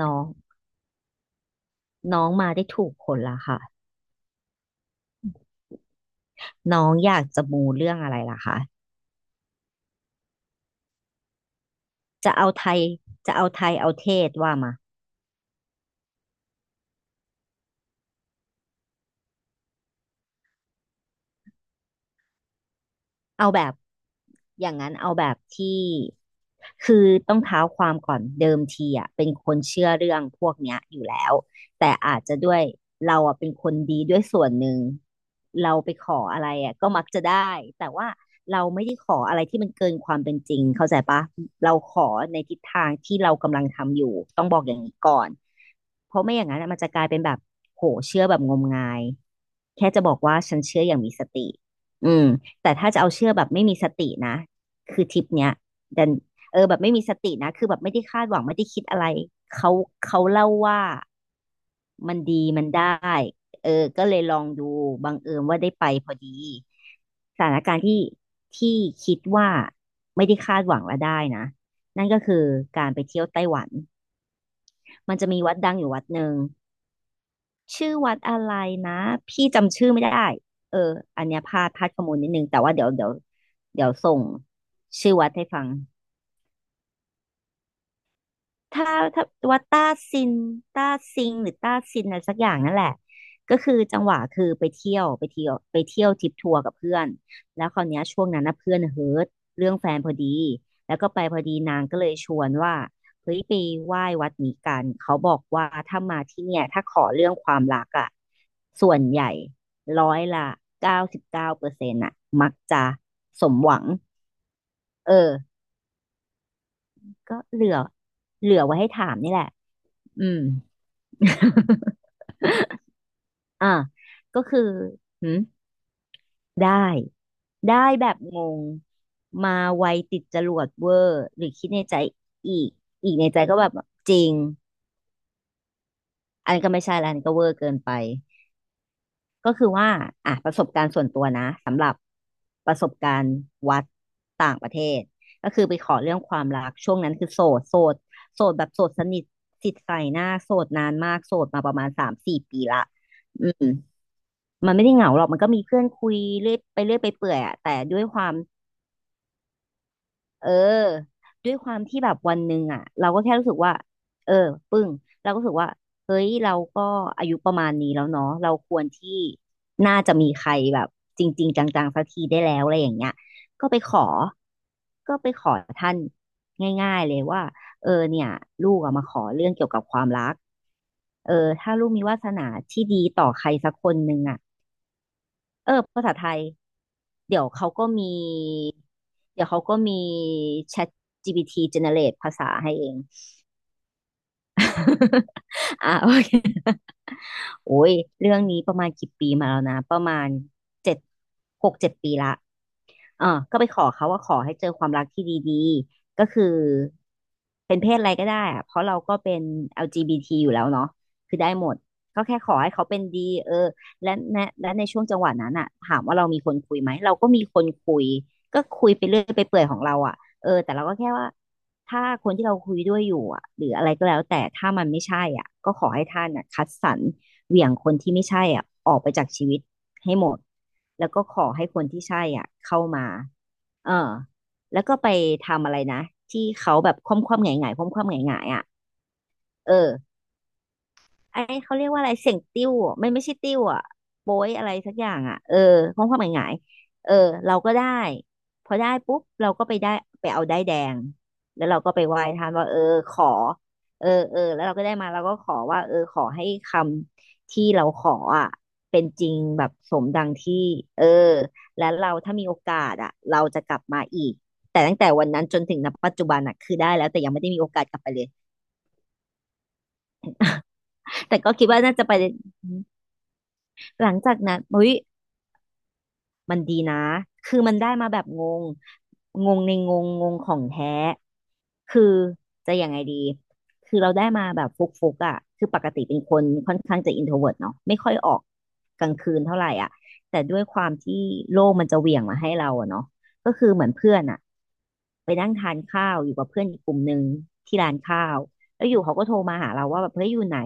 น้องน้องมาได้ถูกคนละค่ะน้องอยากจะมูเรื่องอะไรล่ะคะจะเอาไทยจะเอาไทยเอาเทศว่ามา เอาแบบอย่างนั้นเอาแบบที่คือต้องเท้าความก่อนเดิมทีอ่ะเป็นคนเชื่อเรื่องพวกเนี้ยอยู่แล้วแต่อาจจะด้วยเราอ่ะเป็นคนดีด้วยส่วนหนึ่งเราไปขออะไรอ่ะก็มักจะได้แต่ว่าเราไม่ได้ขออะไรที่มันเกินความเป็นจริงเข้าใจปะเราขอในทิศทางที่เรากำลังทำอยู่ต้องบอกอย่างนี้ก่อนเพราะไม่อย่างนั้นอะมันจะกลายเป็นแบบโหเชื่อแบบงมงายแค่จะบอกว่าฉันเชื่ออย่างมีสติอืม แต่ถ้าจะเอาเชื่อแบบไม่มีสตินะคือทริปเนี้ยดันแบบไม่มีสตินะคือแบบไม่ได้คาดหวังไม่ได้คิดอะไรเขาเขาเล่าว่ามันดีมันได้เออก็เลยลองดูบังเอิญว่าได้ไปพอดีสถานการณ์ที่ที่คิดว่าไม่ได้คาดหวังและได้นะนั่นก็คือการไปเที่ยวไต้หวันมันจะมีวัดดังอยู่วัดหนึ่ง ชื่อวัดอะไรนะพี่จำชื่อไม่ได้เอออันเนี้ยพลาดข้อมูลนิดนึงแต่ว่าเดี๋ยวส่งชื่อวัดให้ฟัง ถ้าถ้าว่าต้าซินต้าซิงหรือต้าซินอะไรสักอย่างนั่นแหละก็คือจังหวะคือไปเที่ยวไปเที่ยวไปเที่ยวทริปทัวร์กับเพื่อนแล้วคราวเนี้ยช่วงนั้นนะเพื่อนเฮิร์ตเรื่องแฟนพอดีแล้วก็ไปพอดีนางก็เลยชวนว่าเฮ้ยไปไหว้วัดนี้กันเขาบอกว่าถ้ามาที่เนี่ยถ้าขอเรื่องความรักอ่ะส่วนใหญ่ร้อยละเก้าสิบเก้าเปอร์เซ็นต์อ่ะมักจะสมหวังเออก็เหลือไว้ให้ถามนี่แหละอืม อ่าก็คือหืมได้ได้แบบงงมาไวติดจรวดเวอร์หรือคิดในใจอีกในใจก็แบบจริงอันนก็ไม่ใช่แล้วอันนก็เวอร์เกินไปก็คือว่าอ่ะประสบการณ์ส่วนตัวนะสำหรับประสบการณ์วัดต่างประเทศก็คือไปขอเรื่องความรักช่วงนั้นคือโสดโสดโสดแบบโสดสนิทติดใส่หน้าโสดนานมากโสดมาประมาณสามสี่ปีละอืม มันไม่ได้เหงาหรอกมันก็มีเพื่อนคุยเรื่อยไปเรื่อยไปเปื่อยอะแต่ด้วยความเออด้วยความที่แบบวันหนึ่งอะเราก็แค่รู้สึกว่าเออปึ้งเราก็รู้สึกว่าเฮ้ยเราก็อายุประมาณนี้แล้วเนาะเราควรที่น่าจะมีใครแบบจริงๆจังๆสักทีได้แล้วอะไรอย่างเงี้ยก็ไปขอก็ไปขอท่านง่ายๆเลยว่าเออเนี่ยลูกอะมาขอเรื่องเกี่ยวกับความรักเออถ้าลูกมีวาสนาที่ดีต่อใครสักคนหนึ่งอะ เออภาษาไทยเดี๋ยวเขาก็มีเดี๋ยวเขาก็มี Chat GPT generate ภาษาให้เอง อ่ะโอเคโอ้ยเรื่องนี้ประมาณกี่ปีมาแล้วนะประมาณเจ็ดหกเจ็ดปีละ เออก็ไปขอเขาว่าขอให้เจอความรักที่ดีๆก็คือเป็นเพศอะไรก็ได้อะเพราะเราก็เป็น LGBT อลจีบีทีอยู่แล้วเนาะคือได้หมด ก็แค่ขอให้เขาเป็นดีเออและในช่วงจังหวะนั้นอะถามว่าเรามีคนคุยไหมเราก็มีคนคุยก็คุยไปเรื่อยไปเปื่อยของเราอะเออแต่เราก็แค่ว่าถ้าคนที่เราคุยด้วยอยู่อะหรืออะไรก็แล้วแต่ถ้ามันไม่ใช่อ่ะก็ขอให้ท่านอะคัดสรรเหวี่ยงคนที่ไม่ใช่อ่ะออกไปจากชีวิต ให้หมดแล้วก็ขอให้คนที่ใช่อ่ะเข้ามาเออแล้วก็ไปทำอะไรนะที่เขาแบบคว่ำคว่ำหงายหงายคว่ำคว่ำหงายหงายอ่ะเออ ไอ้เขาเรียกว่าอะไรเสียงติ้วอะมันไม่ใช่ติ้วอ่ะโป้ยอะไรสักอย่างอ่ะเออของความหมายหงายเออเราก็ได้พอได้ปุ๊บเราก็ไปได้ไปเอาได้ายแดงแล้วเราก็ไปไหว้ท่านว่าเออขอเออเออแล้วเราก็ได้มาเราก็ขอว่าเออขอให้คำที่เราขออ่ะเป็นจริงแบบสมดังที่เออแล้วเราถ้ามีโอกาสอ่ะเราจะกลับมาอีกแต่ตั้งแต่วันนั้นจนถึงณปัจจุบันอ่ะคือได้แล้วแต่ยังไม่ได้มีโอกาสกลับไปเลยแต่ก็คิดว่าน่าจะไป หลังจากนั้นเฮ้ยมันดีนะคือมันได้มาแบบงงงงในงงงงของแท้คือจะยังไงดีคือเราได้มาแบบฟุกฟุกอ่ะคือปกติเป็นคนค่อนข้างจะอินโทรเวิร์ตเนาะไม่ค่อยออกกลางคืนเท่าไหร่อ่ะแต่ด้วยความที่โลกมันจะเหวี่ยงมาให้เราอะเนาะก็คือเหมือนเพื่อนอ่ะไปนั่งทานข้าวอยู่กับเพื่อนอีกกลุ่มหนึ่งที่ร้านข้าวแล้วอยู่เขาก็โทรมาหาเราว่าแบบเฮ้ยอยู่ไหน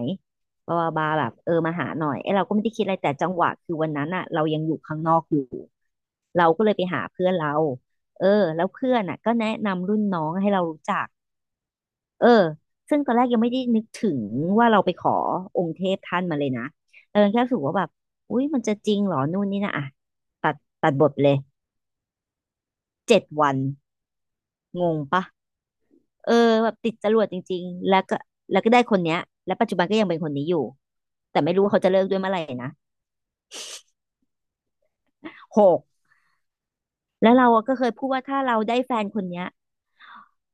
บาบาบาแบบเออมาหาหน่อยไอ้เราก็ไม่ได้คิดอะไรแต่จังหวะคือวันนั้นอ่ะเรายังอยู่ข้างนอกอยู่เราก็เลยไปหาเพื่อนเราเออแล้วเพื่อนอ่ะก็แนะนำรุ่นน้องให้เรารู้จักเออซึ่งตอนแรกยังไม่ได้นึกถึงว่าเราไปขอองค์เทพท่านมาเลยนะเออแค่รู้สึกว่าแบบอุ้ยมันจะจริงเหรอนู่นนี่นะอ่ะตัดตัดบทไปเลย7 วันงงปะเออแบบติดจรวดจริงๆแล้วก็แล้วก็ได้คนเนี้ยและปัจจุบันก็ยังเป็นคนนี้อยู่แต่ไม่รู้ว่าเขาจะเลิกด้วยเมื่อไหร่นะ6 แล้วเราอะก็เคยพูดว่าถ้าเราได้แฟนคนเนี้ย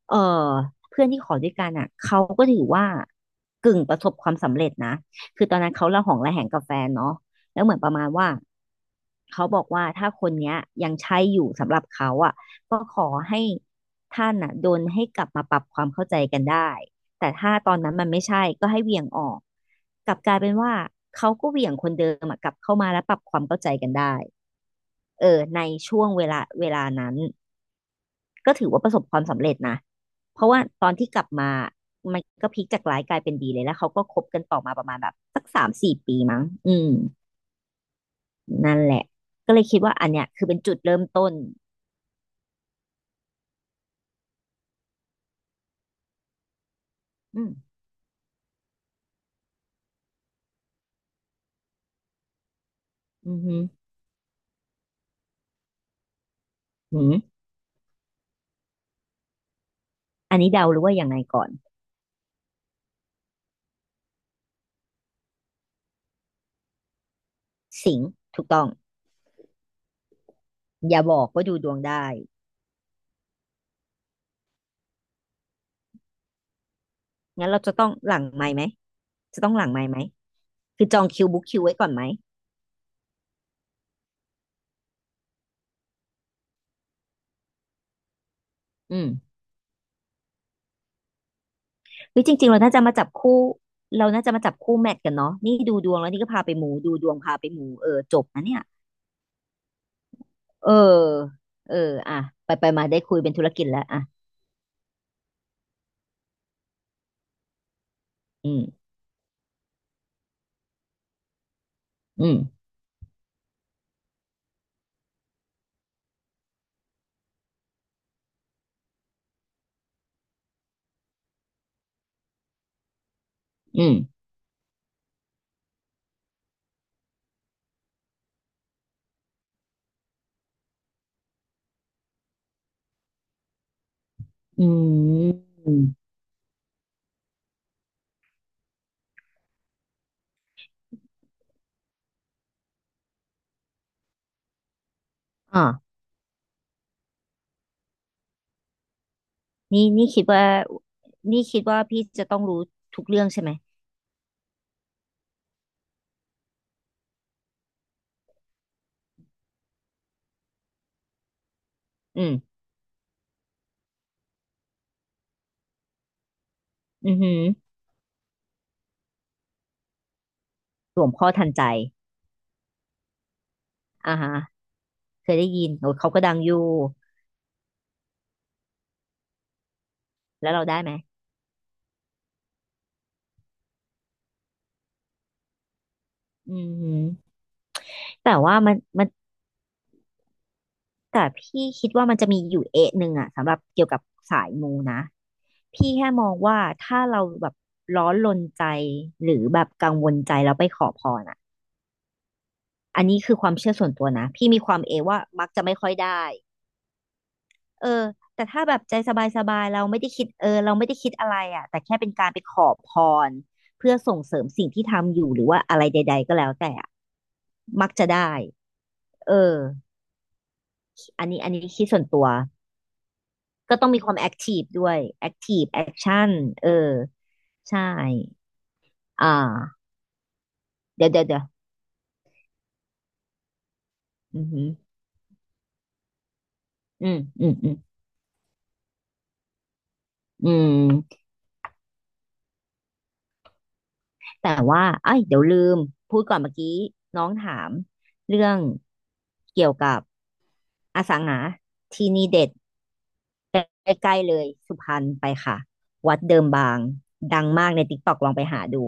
เออเพื่อนที่ขอด้วยกันอ่ะเขาก็ถือว่ากึ่งประสบความสำเร็จนะคือตอนนั้นเขาระหองระแหงกับแฟนเนาะแล้วเหมือนประมาณว่าเขาบอกว่าถ้าคนเนี้ยยังใช่อยู่สำหรับเขาอ่ะก็ขอให้ท่านอ่ะโดนให้กลับมาปรับความเข้าใจกันได้แต่ถ้าตอนนั้นมันไม่ใช่ก็ให้เหวี่ยงออกกลับกลายเป็นว่าเขาก็เหวี่ยงคนเดิมอะกลับเข้ามาแล้วปรับความเข้าใจกันได้เออในช่วงเวลานั้น ก็ถือว่าประสบความสำเร็จนะ เพราะว่าตอนที่กลับมามันก็พลิกจากร้ายกลายเป็นดีเลยแล้วเขาก็คบกันต่อมาประมาณแบบอืมนั่นแหละก็เลยคิดว่าอันเนี้ยคือเป็นจุดเริ่มต้นอืมอือหือหืมอันนี้เดาหรือว่ายังไงก่อนสิงห์ถูกต้องอย่าบอกว่าดูดวงได้ งั้นเราจะต้องหลังไมค์ไหม จะต้องหลังไมค์ไหมคือจองคิวบุ๊กคิวไว้ก่อนไหมอืมหรือจริงๆเราน่าจะมาจับคู่เราน่าจะมาจับคู่แมทกันเนาะนี่ดูดวงแล้วนี่ก็พาไปหมูดูดวงพาไปหมูเออจบนะเนี่ย เออเอออ่ะไปไปมาได้คุยเป็นธุรกิจแล้วอ่ะอืมอืมอืมอืมอ๋อนี่นี่คิดว่านี่คิดว่าพี่จะต้องรู้ทุกเรื่องใช่ไหมอืมอือหือรวมข้อไทยอ่าฮะเคยได้ยินโอ้ยเขาก็ดังอยู่แล้วเราได้ไหมอือหือแต่ว่ามันแต่พี่คิดว่ามันจะมีอยู่เอะหนึ่งอะสำหรับเกี่ยวกับสายมูนะพี่แค่มองว่าถ้าเราแบบร้อนรนใจหรือแบบกังวลใจแล้วไปขอพระ อันนี้คือความเชื่อส่วนตัวนะพี่มีความเอว่ามักจะไม่ค่อยได้เออแต่ถ้าแบบใจสบายๆเราไม่ได้คิดเออเราไม่ได้คิดอะไรอ่ะแต่แค่เป็นการไปขอพรเพื่อส่งเสริมสิ่งที่ทำอยู่หรือว่าอะไรใดๆก็แล้วแต่อะมักจะได้เอออันนี้อันนี้คิดส่วนตัวก็ต้องมีความแอคทีฟด้วยแอคทีฟแอคชั่นเออใช่อ่าเดี๋ยวอือหืออืมอืมอืมอืม แต่ว่าเอ้ยเดี๋ยวลืมพูดก่อนเมื่อกี้น้องถามเรื่องเกี่ยวกับอสังหาที่นี่เด็ดใกล้ๆเลยสุพรรณไปค่ะวัดเดิมบางดังมากในติ๊กต็อกลองไปหาดู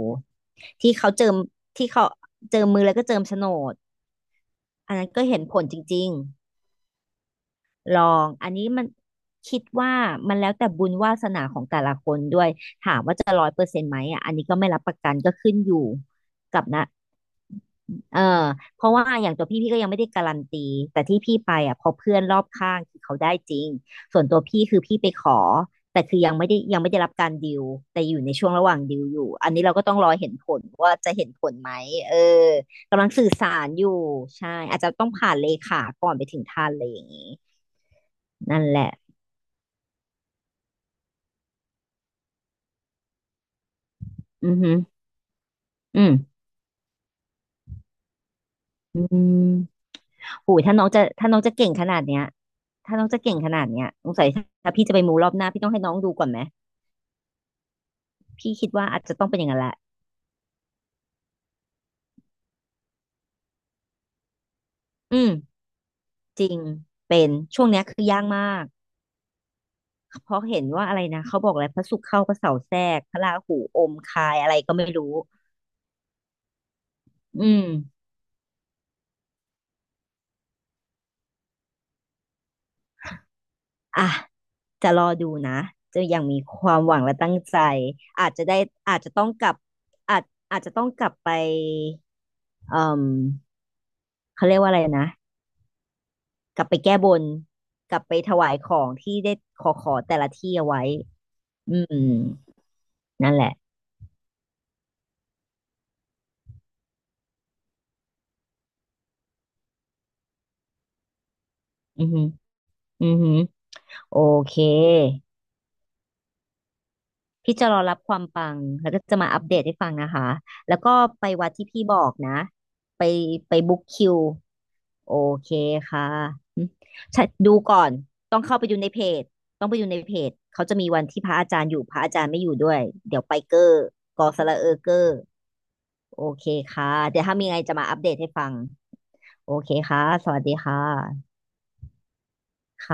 ที่เขาเจิมที่เขาเจิมมือแล้วก็เจิมโฉนดอันนั้นก็เห็นผลจริงๆลองอันนี้มันคิดว่ามันแล้วแต่บุญวาสนาของแต่ละคนด้วย เปอร์เซ็นต์ไหมอ่ะอันนี้ก็ไม่รับประกันก็ขึ้นอยู่กับนะเออเพราะว่าอย่างตัวพี่ก็ยังไม่ได้การันตีแต่ที่พี่ไปอ่ะเพอเพื่อนรอบข้างคือเขาได้จริงส่วนตัวพี่คือพี่ไปขอแต่คือยังไม่ได้รับการดิวแต่อยู่ในช่วงระหว่างดิวอยู่อันนี้เราก็ต้องรอเห็นผลว่าจะเห็นผลไหมเออกำลังสื่อสารอยู่ใช่อาจจะต้องผ่านเลขาก่อนไปถึงท่านอะไรอย่างนี้นั่นแหละอือหึอืมอืม โหยถ้าน้องจะเก่งขนาดเนี้ยถ้าน้องจะเก่งขนาดเนี้ยสงสัยถ้าพี่จะไปมูรอบหน้าพี่ต้องให้น้องดูก่อนไหม พี่คิดว่าอาจจะต้องเป็นอย่างนั้นแหละอืมจริง เป็น ช่วงเนี้ยคือยากมากเพราะเห็นว่าอะไรนะเขาบอกอะไรพระศุกร์เข้าพระเสาร์แทรกพระราหู อมคายอะไรก็ไม่รู้อืมอ่ะจะรอดูนะจะยังมีความหวังและตั้งใจอาจจะได้อาจจะต้องกลับอาจอาจจะต้องกลับไปเอ่มเขาเรียกว่าอะไรนะ กลับไปแก้บนกลับไปถวายของที่ได้ขอขอแต่ละที่เอาไว้อืมนั่นแหละอือหืออือหือโอเคพี่จะรอรับความปังแล้วก็จะมาอัปเดตให้ฟังนะคะแล้วก็ไปวัดที่พี่บอกนะไปไปบุ๊กคิวโอเคค่ะอืมใช่ดูก่อนต้องเข้าไปดูในเพจต้องไปดูในเพจเขาจะมีวันที่พระอาจารย์อยู่พระอาจารย์ไม่อยู่ด้วยเดี๋ยวไปเกอร์กอสระเออเกอร์ โอเคค่ะเดี๋ยวถ้ามีไงจะมาอัปเดตให้ฟัง โอเคค่ะ สวัสดีค่ะค่ะ